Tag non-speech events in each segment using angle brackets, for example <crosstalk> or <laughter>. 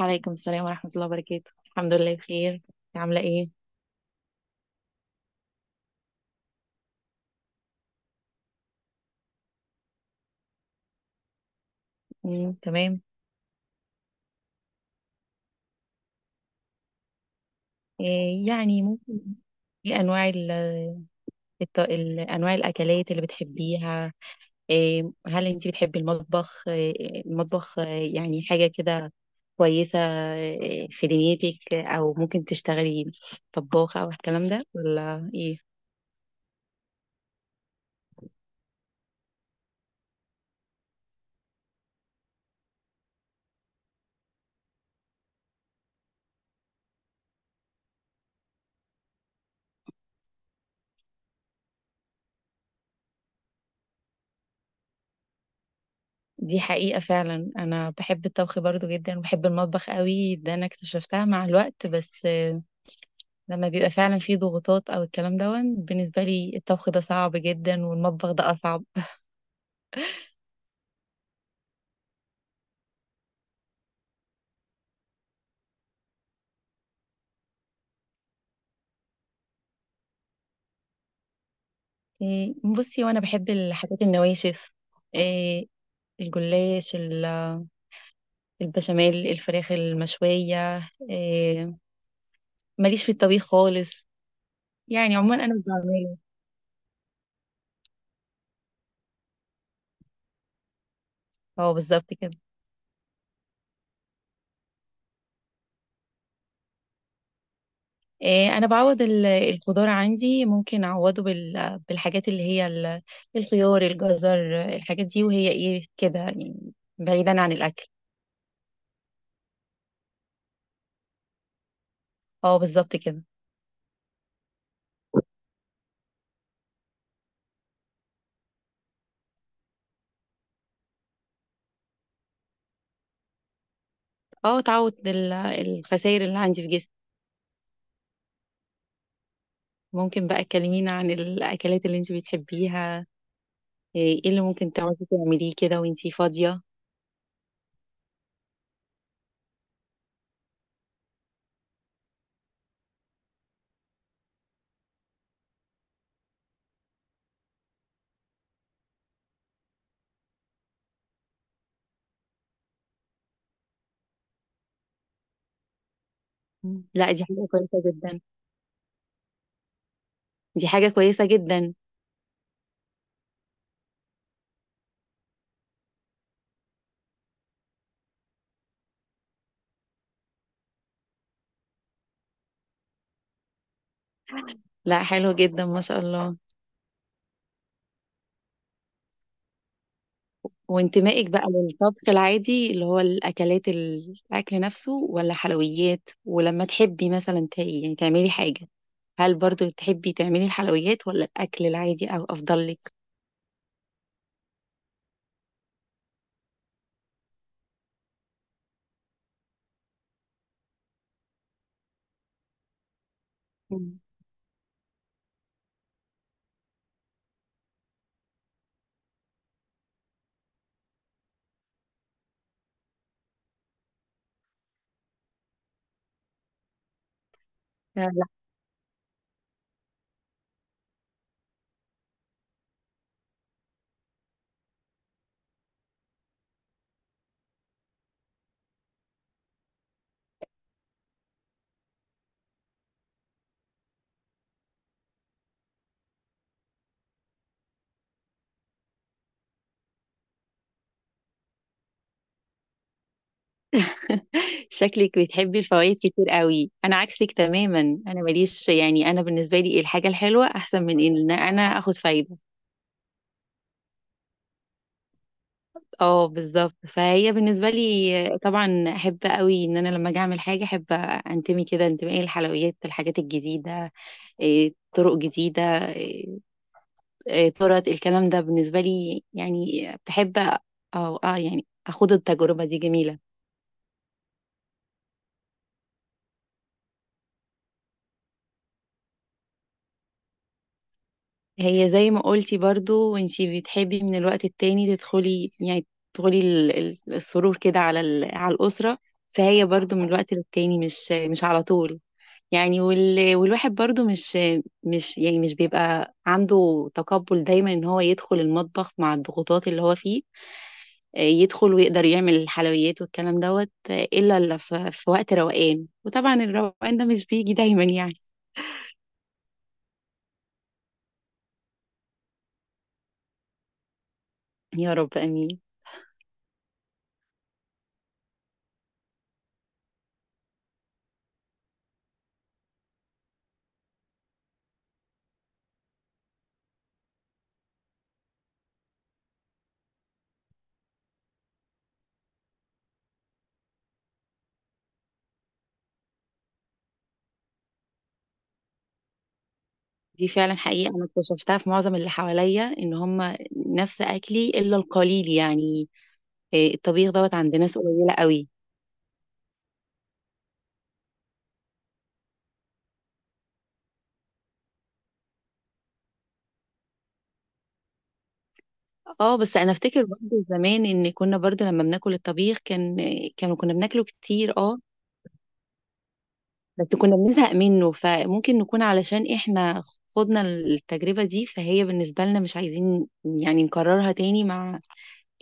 وعليكم السلام ورحمة الله وبركاته، الحمد لله بخير. إنتي عاملة ايه؟ مم. تمام. إيه يعني، ممكن. ايه انواع انواع الاكلات اللي بتحبيها؟ إيه، هل انت بتحبي المطبخ؟ إيه المطبخ يعني حاجة كده كويسة في دنيتك، او ممكن تشتغلي طباخة او الكلام ده ولا ايه؟ دي حقيقة، فعلا انا بحب الطبخ برضو جدا، وبحب المطبخ قوي. ده انا اكتشفتها مع الوقت، بس لما بيبقى فعلا في ضغوطات أو الكلام دَوًّا، بالنسبة لي الطبخ ده صعب جدًا والمطبخ ده أصعب. بُصّي، هو أنا باحب الحاجات النواشف، آآ الجلاش، البشاميل، الفراخ المشوية، آآ ما ليش في الطبيخ خالص، يعني عمومًا أنا مش باعمله. آه بالضبط كده. أنا باعوّض الخضار عندي، ممكن أعوّضه بالحاجات اللي هي الخيار، الجزر، الحاجات دي، وهي إيه، كده يعني بعيدًا عن الأكل. آه بالضبط كده. اه، تعوض الخسائر اللي عندي في جسمي. ممكن بقى تكلمينا عن الاكلات اللي انت بتحبيها؟ ايه اللي ممكن تقعدي تعمليه كده وانت فاضية؟ مم. لا دي حاجة كويسة جدا ددا. دي حاجة كويسة جدا. لا حلو جدا ما شاء الله. وانتمائك بقى للطبخ العادي، اللي هو الأكلات، الأكل نفسه، ولا حلويات؟ ولما تحبي مثلا يعني تعملي حاجة، هل برضو تحبي تعملي الحلويات ولا الأكل العادي أو أفضل لك؟ مم. <laughs> شكلك بتحبي الفوائد كتير قوي، انا عكسك تماما. انا ماليش، يعني انا بالنسبه لي الحاجه الحلوه احسن من ان انا اخد فايده. اه بالظبط، فهي بالنسبه لي طبعا، احب قوي ان انا لما اجي اعمل حاجه، احب انتمي كده. انتمائي للحلويات، الحاجات الجديده، إيه، طرق جديده، إيه، إيه، طرق الكلام ده بالنسبه لي، يعني بحب اه، اه يعني اخد التجربه دي جميله. هي زي ما قلتي برضو، وانتي بتحبي من الوقت التاني تدخلي، يعني تدخلي السرور كده على على الأسرة، فهي برضو من الوقت للتاني، مش على طول يعني. والواحد برضو مش يعني مش بيبقى عنده تقبل دايما ان هو يدخل المطبخ مع الضغوطات اللي هو فيه يدخل ويقدر يعمل الحلويات والكلام دوت، آه، الا إلا في في وقت روقان، وطبعا الروقان ده مش بيجي دايما يعني. يا رب امين. دي فعلا حقيقة، أنا اكتشفتها في معظم اللي حواليا إن هم نفس أكلي إلا القليل يعني، إيه، الطبيخ دوت عند ناس قليلة قوي. اه، بس أنا أفتكر برضه زمان إن كنا برضه لما بناكل الطبيخ كان كانوا كنا بناكله كتير. اه بس كنا بنزهق منه، فممكن نكون علشان إحنا خدنا التجربة دي، فهي بالنسبة لنا مش عايزين يعني نكررها تاني مع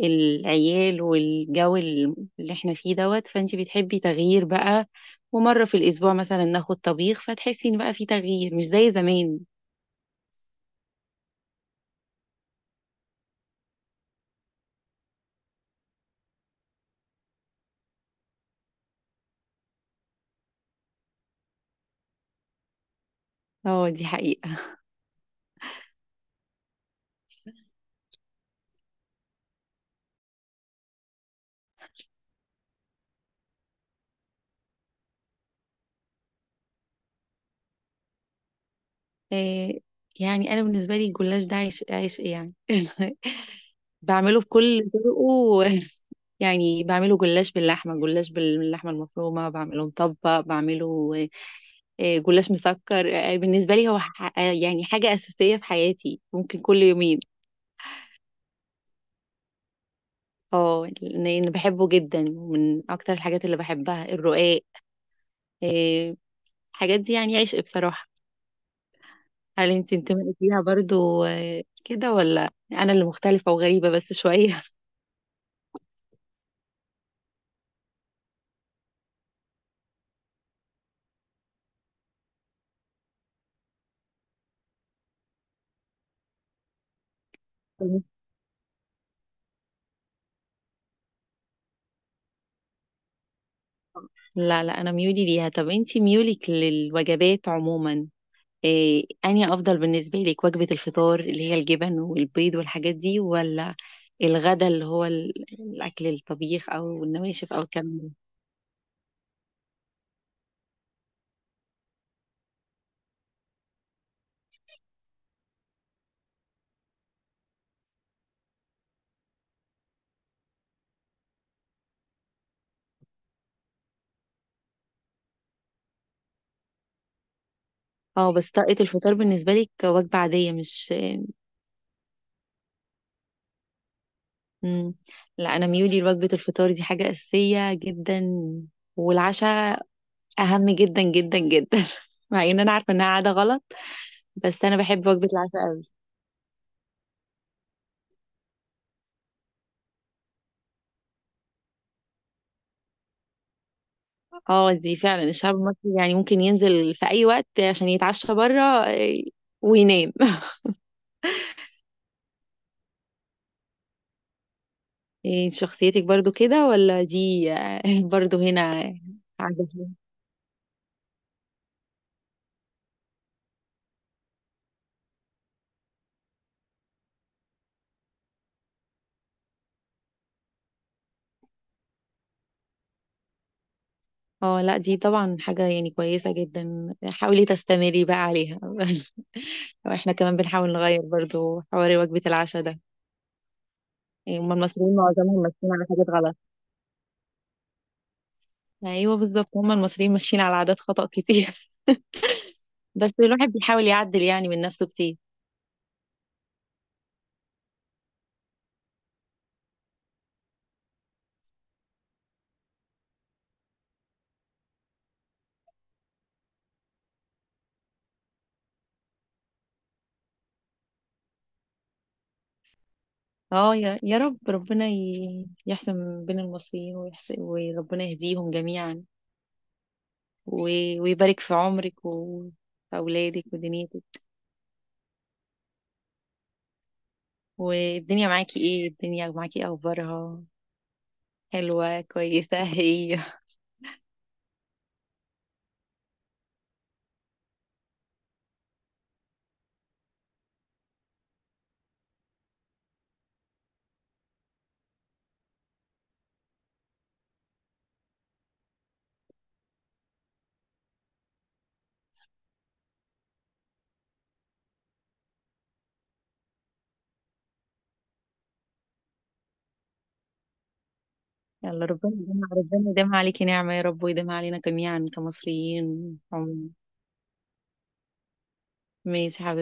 العيال والجو اللي احنا فيه دوت. فانت بتحبي تغيير بقى، ومرة في الأسبوع مثلا ناخد طبيخ فتحسي إن بقى في تغيير مش زي زمان. اه دي حقيقة. <laughs> إيه، يعني أنا بالنسبة لي الجلاش ده عيش، عيش إيه يعني. <laughs> بعمله بكل طرقه، يعني بعمله جلاش باللحمة، جلاش باللحمة المفرومة، بعمله مطبق، بعمله إيه، جلاش مسكر، إيه، بالنسبة لي هو يعني حاجة أساسية في حياتي، ممكن كل يومين. اه لان أنا بحبه جدا، ومن اكتر الحاجات اللي بحبها الرقاق، إيه، الحاجات دي يعني عشق بصراحة. هل انت انتمائك ليها برضو كده، ولا انا اللي مختلفة وغريبة بس شوية؟ <laughs> لا لا انا ميولي ليها. طب انت ميولك للوجبات عموما إيه، انهي افضل بالنسبة لك؟ وجبة الفطار اللي هي الجبن والبيض والحاجات دي، ولا الغدا اللي هو الاكل، الطبيخ او النواشف او الكلام ده؟ اه بس طاقة الفطار بالنسبة لك وجبة عادية مش. مم. لا انا ميولي لوجبه الفطار دي حاجه اساسيه جدا، والعشاء اهم جدا جدا جدا. <laughs> مع ان انا عارفه انها عاده غلط، بس انا بحب وجبه العشاء قوي. اه دي فعلا، الشعب المصري يعني ممكن ينزل في اي وقت عشان يتعشى بره، وينام. <laughs> إيه، شخصيتك برضو كده ولا دي <laughs> برضو هنا عادة؟ اه لا دي طبعا حاجة يعني كويسة جدا، حاولي تستمري بقى عليها. <laughs> واحنا كمان بنحاول نغير برضو حوار وجبة العشاء ده، يعني هم المصريين معظمهم ماشيين على حاجات غلط. ايوه بالظبط، هم المصريين ماشيين على عادات خطأ كتير. <laughs> بس الواحد بيحاول يعدل يعني من نفسه كتير. اه يا يا رب، ربنا يحسن بين المصريين ويحسن، وربنا يهديهم جميعا، ويبارك في عمرك وأولادك ودنيتك. والدنيا معاكي ايه؟ الدنيا معاكي إيه اخبارها؟ حلوة كويسة؟ <laughs> هي يلا ربنا يديمها، ربنا يديمها عليكي نعمة يا رب، ويديمها علينا جميعا كمصريين عموما. ماشي يا حبيبتي.